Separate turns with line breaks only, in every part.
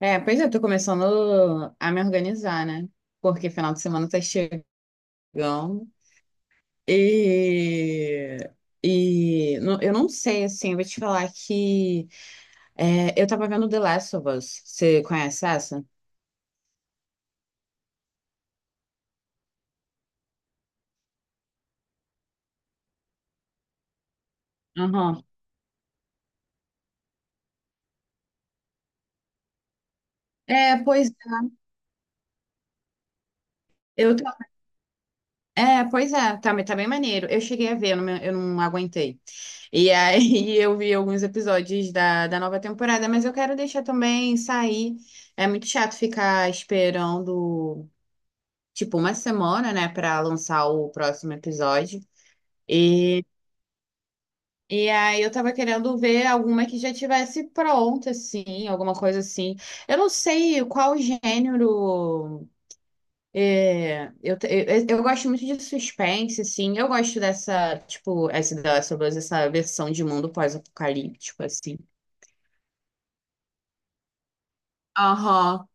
É, pois eu tô começando a me organizar, né? Porque final de semana tá chegando e... eu não sei, assim, eu vou te falar que eu tava vendo The Last of Us. Você conhece essa? Aham. É, pois eu tô- pois é, tá bem maneiro. Eu cheguei a ver, eu não aguentei. E aí eu vi alguns episódios da nova temporada, mas eu quero deixar também sair. É muito chato ficar esperando. Tipo uma semana, né, para lançar o próximo episódio. E, e aí eu tava querendo ver alguma que já tivesse pronta, assim, alguma coisa assim. Eu não sei qual gênero. Eu gosto muito de suspense, assim. Eu gosto dessa, tipo, essa, da sobre essa versão de mundo pós-apocalíptico, assim. Aham.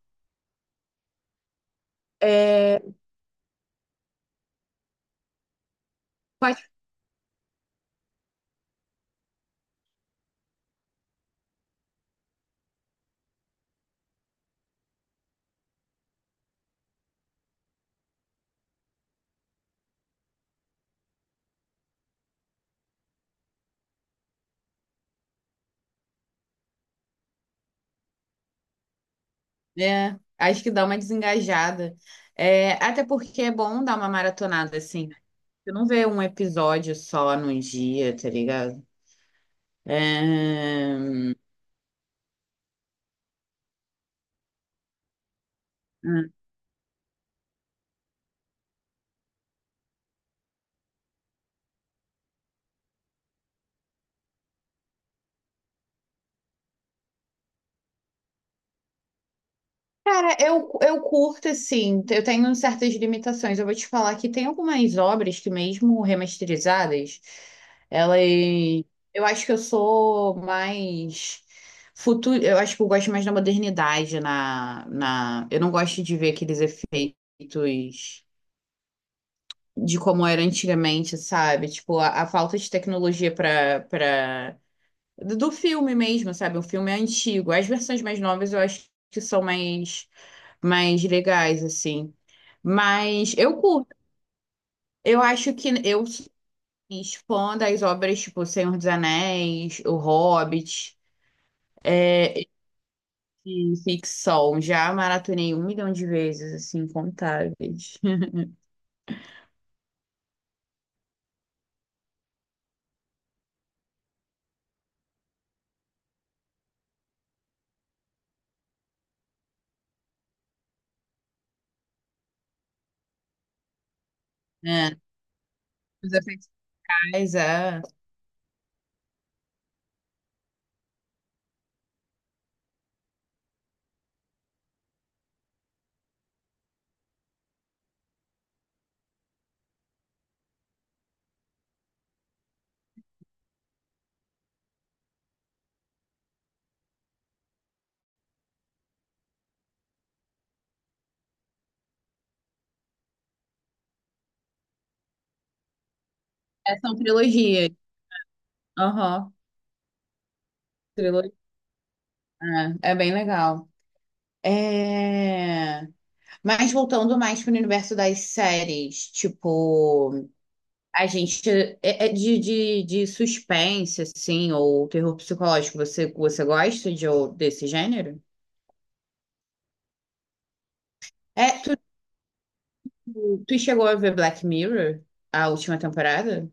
É, pode. É, acho que dá uma desengajada. É, até porque é bom dar uma maratonada, assim. Você não vê um episódio só num dia, tá ligado? É... Hum. Cara, eu curto, assim, eu tenho certas limitações. Eu vou te falar que tem algumas obras que, mesmo remasterizadas, elas. Eu acho que eu sou mais. Futuro, eu acho que eu gosto mais da modernidade na... Eu não gosto de ver aqueles efeitos de como era antigamente, sabe? Tipo, a falta de tecnologia para do filme mesmo, sabe? O filme é antigo. As versões mais novas eu acho que são mais, mais legais, assim. Mas eu curto. Eu acho que eu sou mais fã das obras tipo Senhor dos Anéis, O Hobbit, é, e ficção. Já maratonei um milhão de vezes, assim, incontáveis. É. Os Ancestais, é. É, são trilogias. Aham, trilogia. É, é bem legal. É... Mas voltando mais para o universo das séries, tipo, a gente de suspense, assim, ou terror psicológico, você gosta de, ou- desse gênero? É, tu, tu chegou a ver Black Mirror, a última temporada?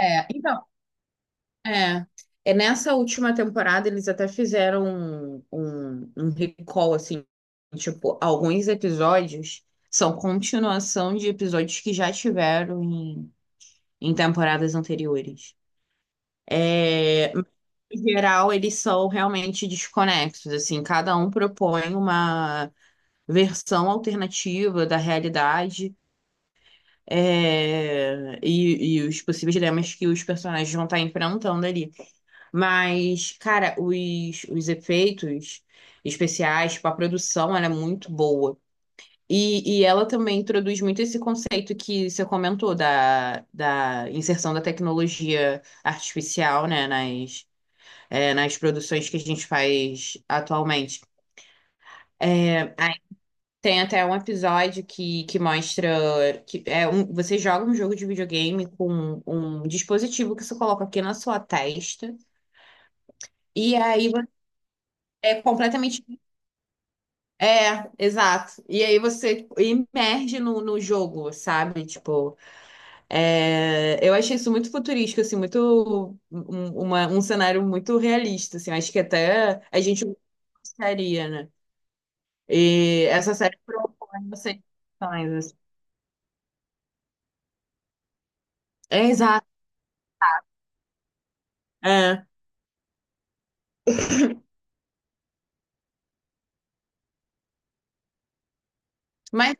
É, então, é. É nessa última temporada eles até fizeram um recall, assim, tipo, alguns episódios são continuação de episódios que já tiveram em temporadas anteriores. É, em geral, eles são realmente desconexos, assim, cada um propõe uma versão alternativa da realidade, e os possíveis dilemas que os personagens vão estar enfrentando ali. Mas, cara, os efeitos especiais, tipo, a produção, ela é muito boa. E ela também introduz muito esse conceito que você comentou da inserção da tecnologia artificial, né, nas produções que a gente faz atualmente. Aí tem até um episódio que mostra que é um, você joga um jogo de videogame com um dispositivo que você coloca aqui na sua testa, e aí você é completamente. É, exato. E aí você emerge no jogo, sabe? Tipo. É, eu achei isso muito futurístico, assim, muito um cenário muito realista, assim, acho que até a gente gostaria, né? E essa série propõe essas questões, assim. É, exato. É. Mas,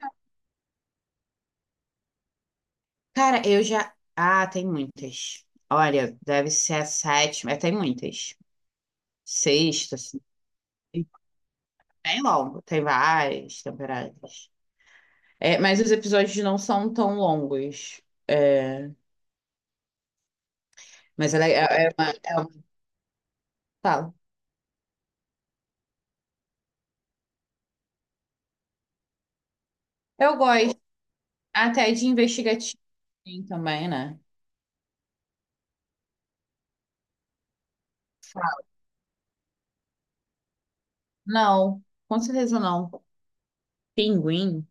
cara, eu já. Ah, tem muitas. Olha, deve ser a sétima, é, tem muitas. Sexta, assim. Bem longo, tem várias temporadas. É, mas os episódios não são tão longos. É, mas ela é uma- fala. Eu gosto. Até de investigativo tem também, né? Não, com certeza não. Pinguim?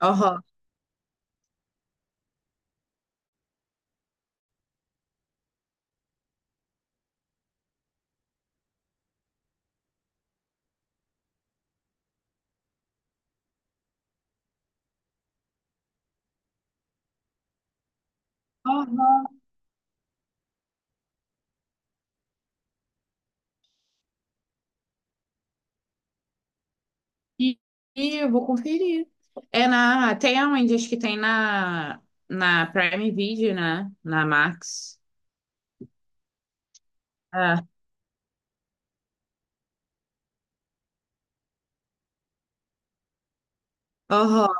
Aham. Aham. E, e eu vou conferir. É na. Tem aonde? Acho que tem na Prime Video, né? Na Max. É. Aham.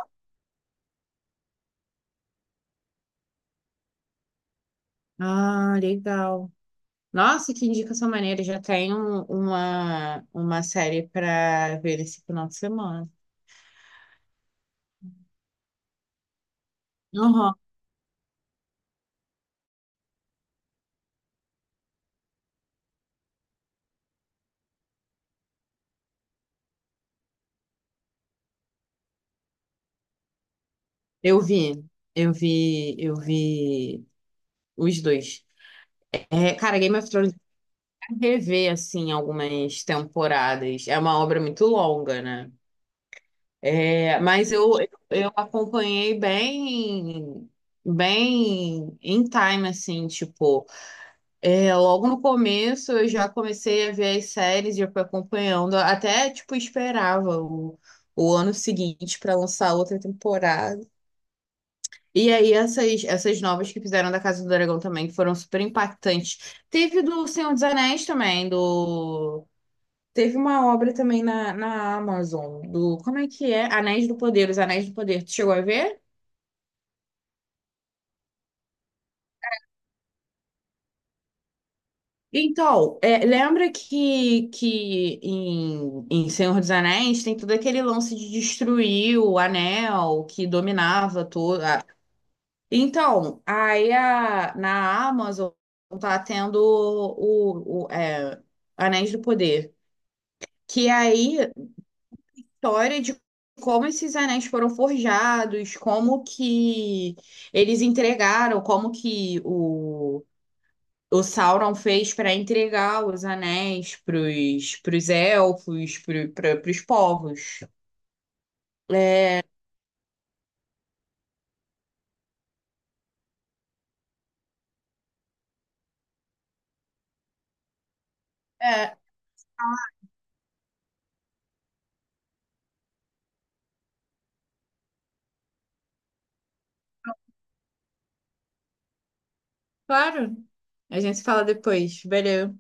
Ah, legal. Nossa, que indicação maneira. Já tem um- uma série para ver esse final de semana. Aham. Eu vi. Eu vi. Eu vi os dois. É, cara, Game of Thrones. Rever assim algumas temporadas. É uma obra muito longa, né? É, mas eu acompanhei bem em time assim, tipo, é, logo no começo eu já comecei a ver as séries e eu fui acompanhando, até tipo esperava o ano seguinte para lançar outra temporada. E aí essas novas que fizeram da Casa do Dragão também que foram super impactantes. Teve do Senhor dos Anéis também, do Teve uma obra também na Amazon, do. Como é que é? Anéis do Poder, Os Anéis do Poder. Tu chegou a ver? Então, é, lembra em Senhor dos Anéis tem todo aquele lance de destruir o anel que dominava toda. Então, aí a- na Amazon tá tendo o é, Anéis do Poder. Que aí história de como esses anéis foram forjados, como que eles entregaram, como que o Sauron fez para entregar os anéis para os elfos, para os povos. É, claro. A gente se fala depois. Valeu.